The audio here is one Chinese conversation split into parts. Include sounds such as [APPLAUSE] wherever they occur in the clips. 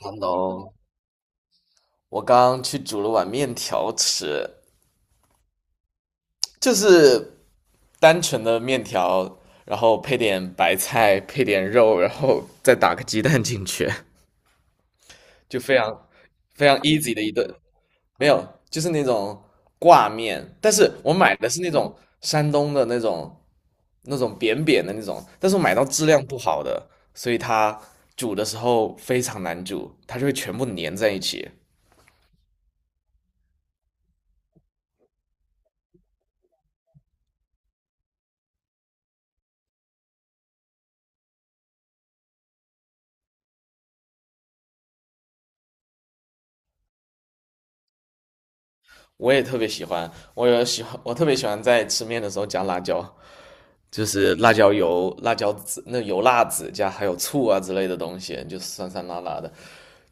Hello，我刚刚去煮了碗面条吃，就是单纯的面条，然后配点白菜，配点肉，然后再打个鸡蛋进去，[LAUGHS] 就非常非常 easy 的一顿。没有，就是那种挂面，但是我买的是那种山东的那种扁扁的那种，但是我买到质量不好的，所以它煮的时候非常难煮，它就会全部粘在一起。我特别喜欢在吃面的时候加辣椒，就是辣椒油、辣椒籽、那油辣子加还有醋啊之类的东西，就是酸酸辣辣的。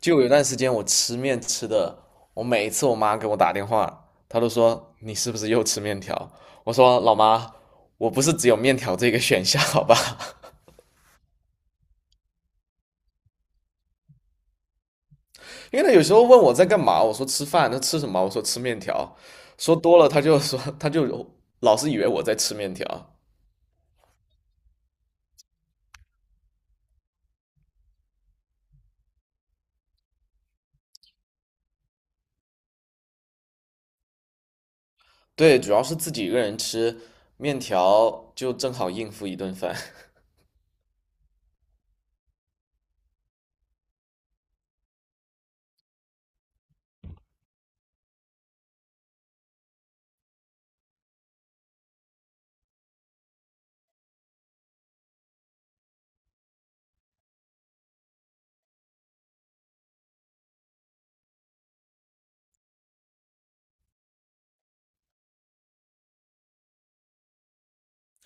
就有一段时间我吃面吃的，我每一次我妈给我打电话，她都说你是不是又吃面条？我说老妈，我不是只有面条这个选项，好吧？[LAUGHS] 因为她有时候问我在干嘛，我说吃饭，她吃什么？我说吃面条，说多了她就老是以为我在吃面条。对，主要是自己一个人吃，面条就正好应付一顿饭。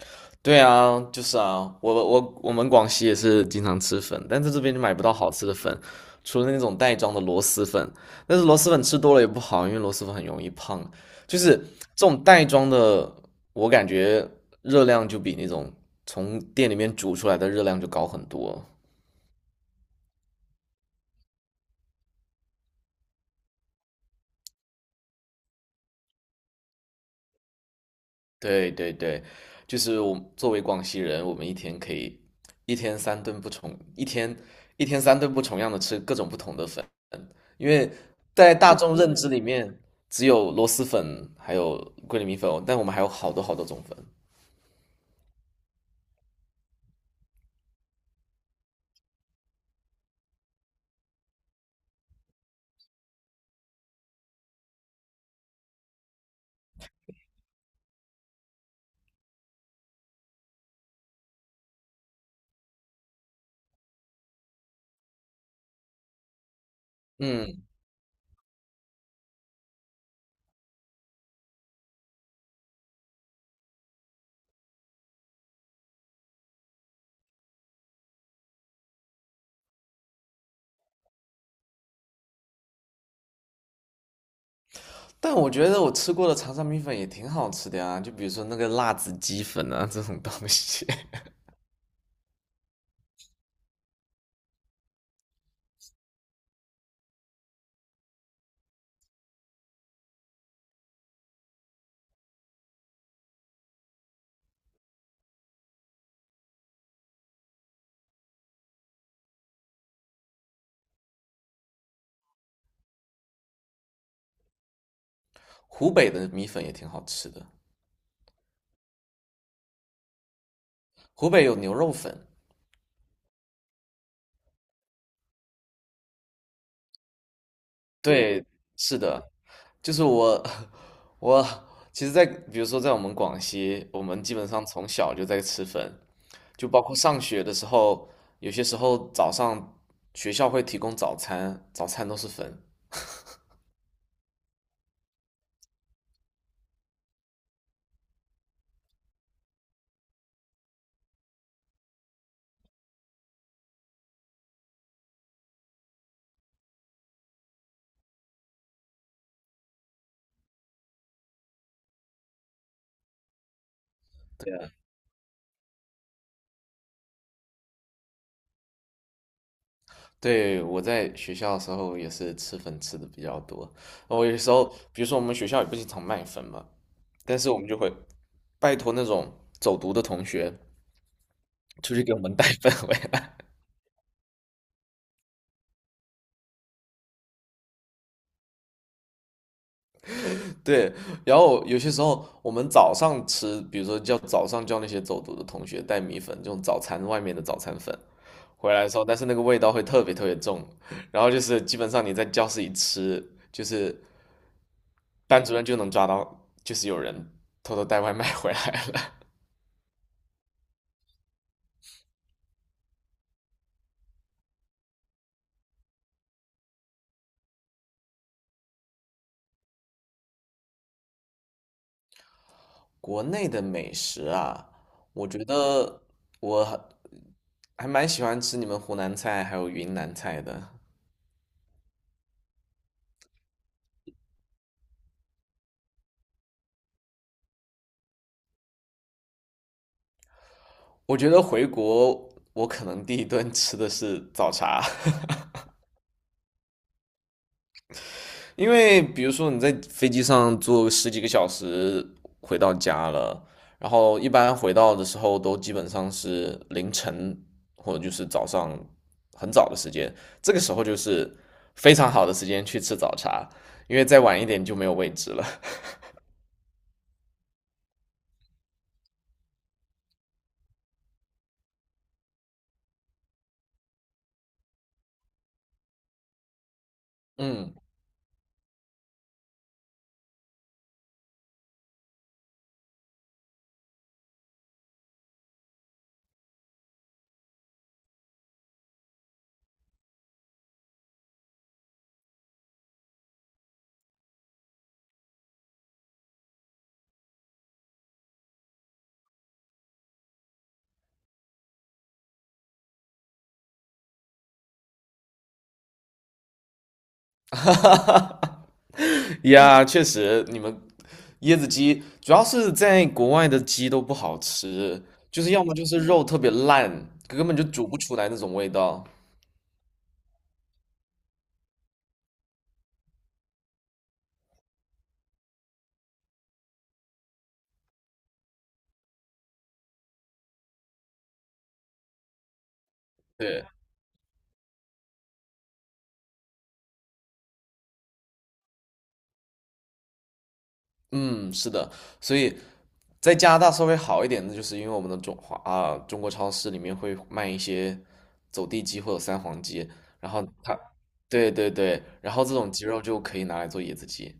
[LAUGHS] 对啊，就是啊，我们广西也是经常吃粉，但在这边就买不到好吃的粉，除了那种袋装的螺蛳粉。但是螺蛳粉吃多了也不好，因为螺蛳粉很容易胖。就是这种袋装的，我感觉热量就比那种从店里面煮出来的热量就高很多。对对对，就是我作为广西人，我们一天可以一天三顿不重，一天一天三顿不重样的吃各种不同的粉，因为在大众认知里面，只有螺蛳粉还有桂林米粉，但我们还有好多好多种粉。嗯，但我觉得我吃过的长沙米粉也挺好吃的呀，就比如说那个辣子鸡粉啊这种东西，[LAUGHS] 湖北的米粉也挺好吃的，湖北有牛肉粉，对，是的，就是我，我其实在，比如说在我们广西，我们基本上从小就在吃粉，就包括上学的时候，有些时候早上学校会提供早餐，早餐都是粉。对，我在学校的时候也是吃粉吃的比较多。我有时候，比如说我们学校也不经常卖粉嘛，但是我们就会拜托那种走读的同学出去给我们带 [LAUGHS] 粉回来。对，然后有些时候我们早上吃，比如说叫早上叫那些走读的同学带米粉，这种早餐外面的早餐粉回来的时候，但是那个味道会特别特别重，然后就是基本上你在教室里吃，就是班主任就能抓到，就是有人偷偷带外卖回来了。[LAUGHS] 国内的美食啊，我觉得我还蛮喜欢吃你们湖南菜还有云南菜的。我觉得回国我可能第一顿吃的是早茶。[LAUGHS] 因为比如说你在飞机上坐十几个小时回到家了，然后一般回到的时候都基本上是凌晨或者就是早上很早的时间，这个时候就是非常好的时间去吃早茶，因为再晚一点就没有位置了。嗯，呀，确实，你们椰子鸡主要是在国外的鸡都不好吃，就是要么就是肉特别烂，根本就煮不出来那种味道。对。嗯，是的，所以在加拿大稍微好一点的，就是因为我们的中华啊中国超市里面会卖一些走地鸡或者三黄鸡，然后它，对对对，然后这种鸡肉就可以拿来做椰子鸡。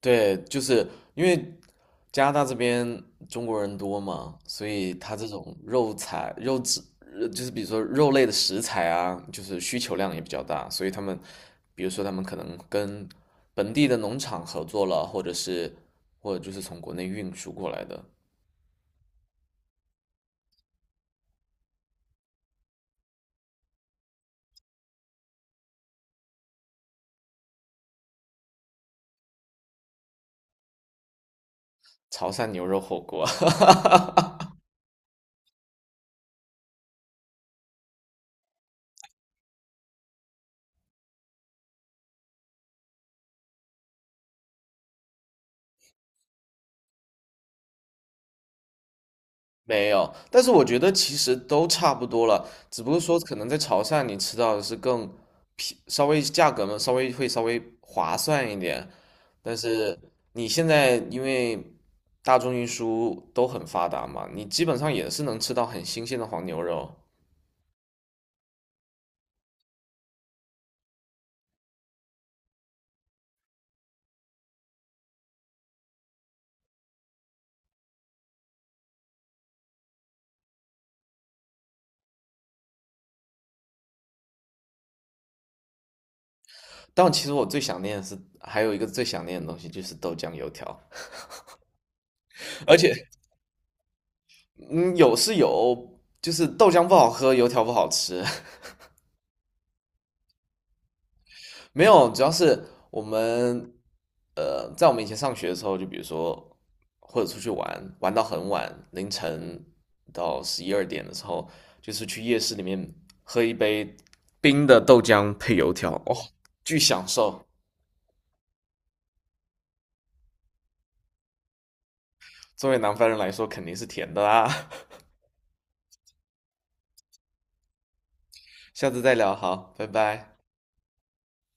对，就是因为加拿大这边中国人多嘛，所以他这种肉材、肉质，就是比如说肉类的食材啊，就是需求量也比较大，所以他们，比如说他们可能跟本地的农场合作了，或者就是从国内运输过来的潮汕牛肉火锅，[LAUGHS] 没有，但是我觉得其实都差不多了，只不过说可能在潮汕你吃到的是更便，稍微价格嘛，稍微会稍微划算一点，但是你现在因为大众运输都很发达嘛，你基本上也是能吃到很新鲜的黄牛肉。但其实我最想念的是，还有一个最想念的东西就是豆浆油条，[LAUGHS] 而且嗯有是有，就是豆浆不好喝，油条不好吃。[LAUGHS] 没有，主要是我们在我们以前上学的时候，就比如说或者出去玩，玩到很晚，凌晨到十一二点的时候，就是去夜市里面喝一杯冰的豆浆配油条，哦，巨享受。作为南方人来说，肯定是甜的啦。[LAUGHS] 下次再聊，好，拜拜。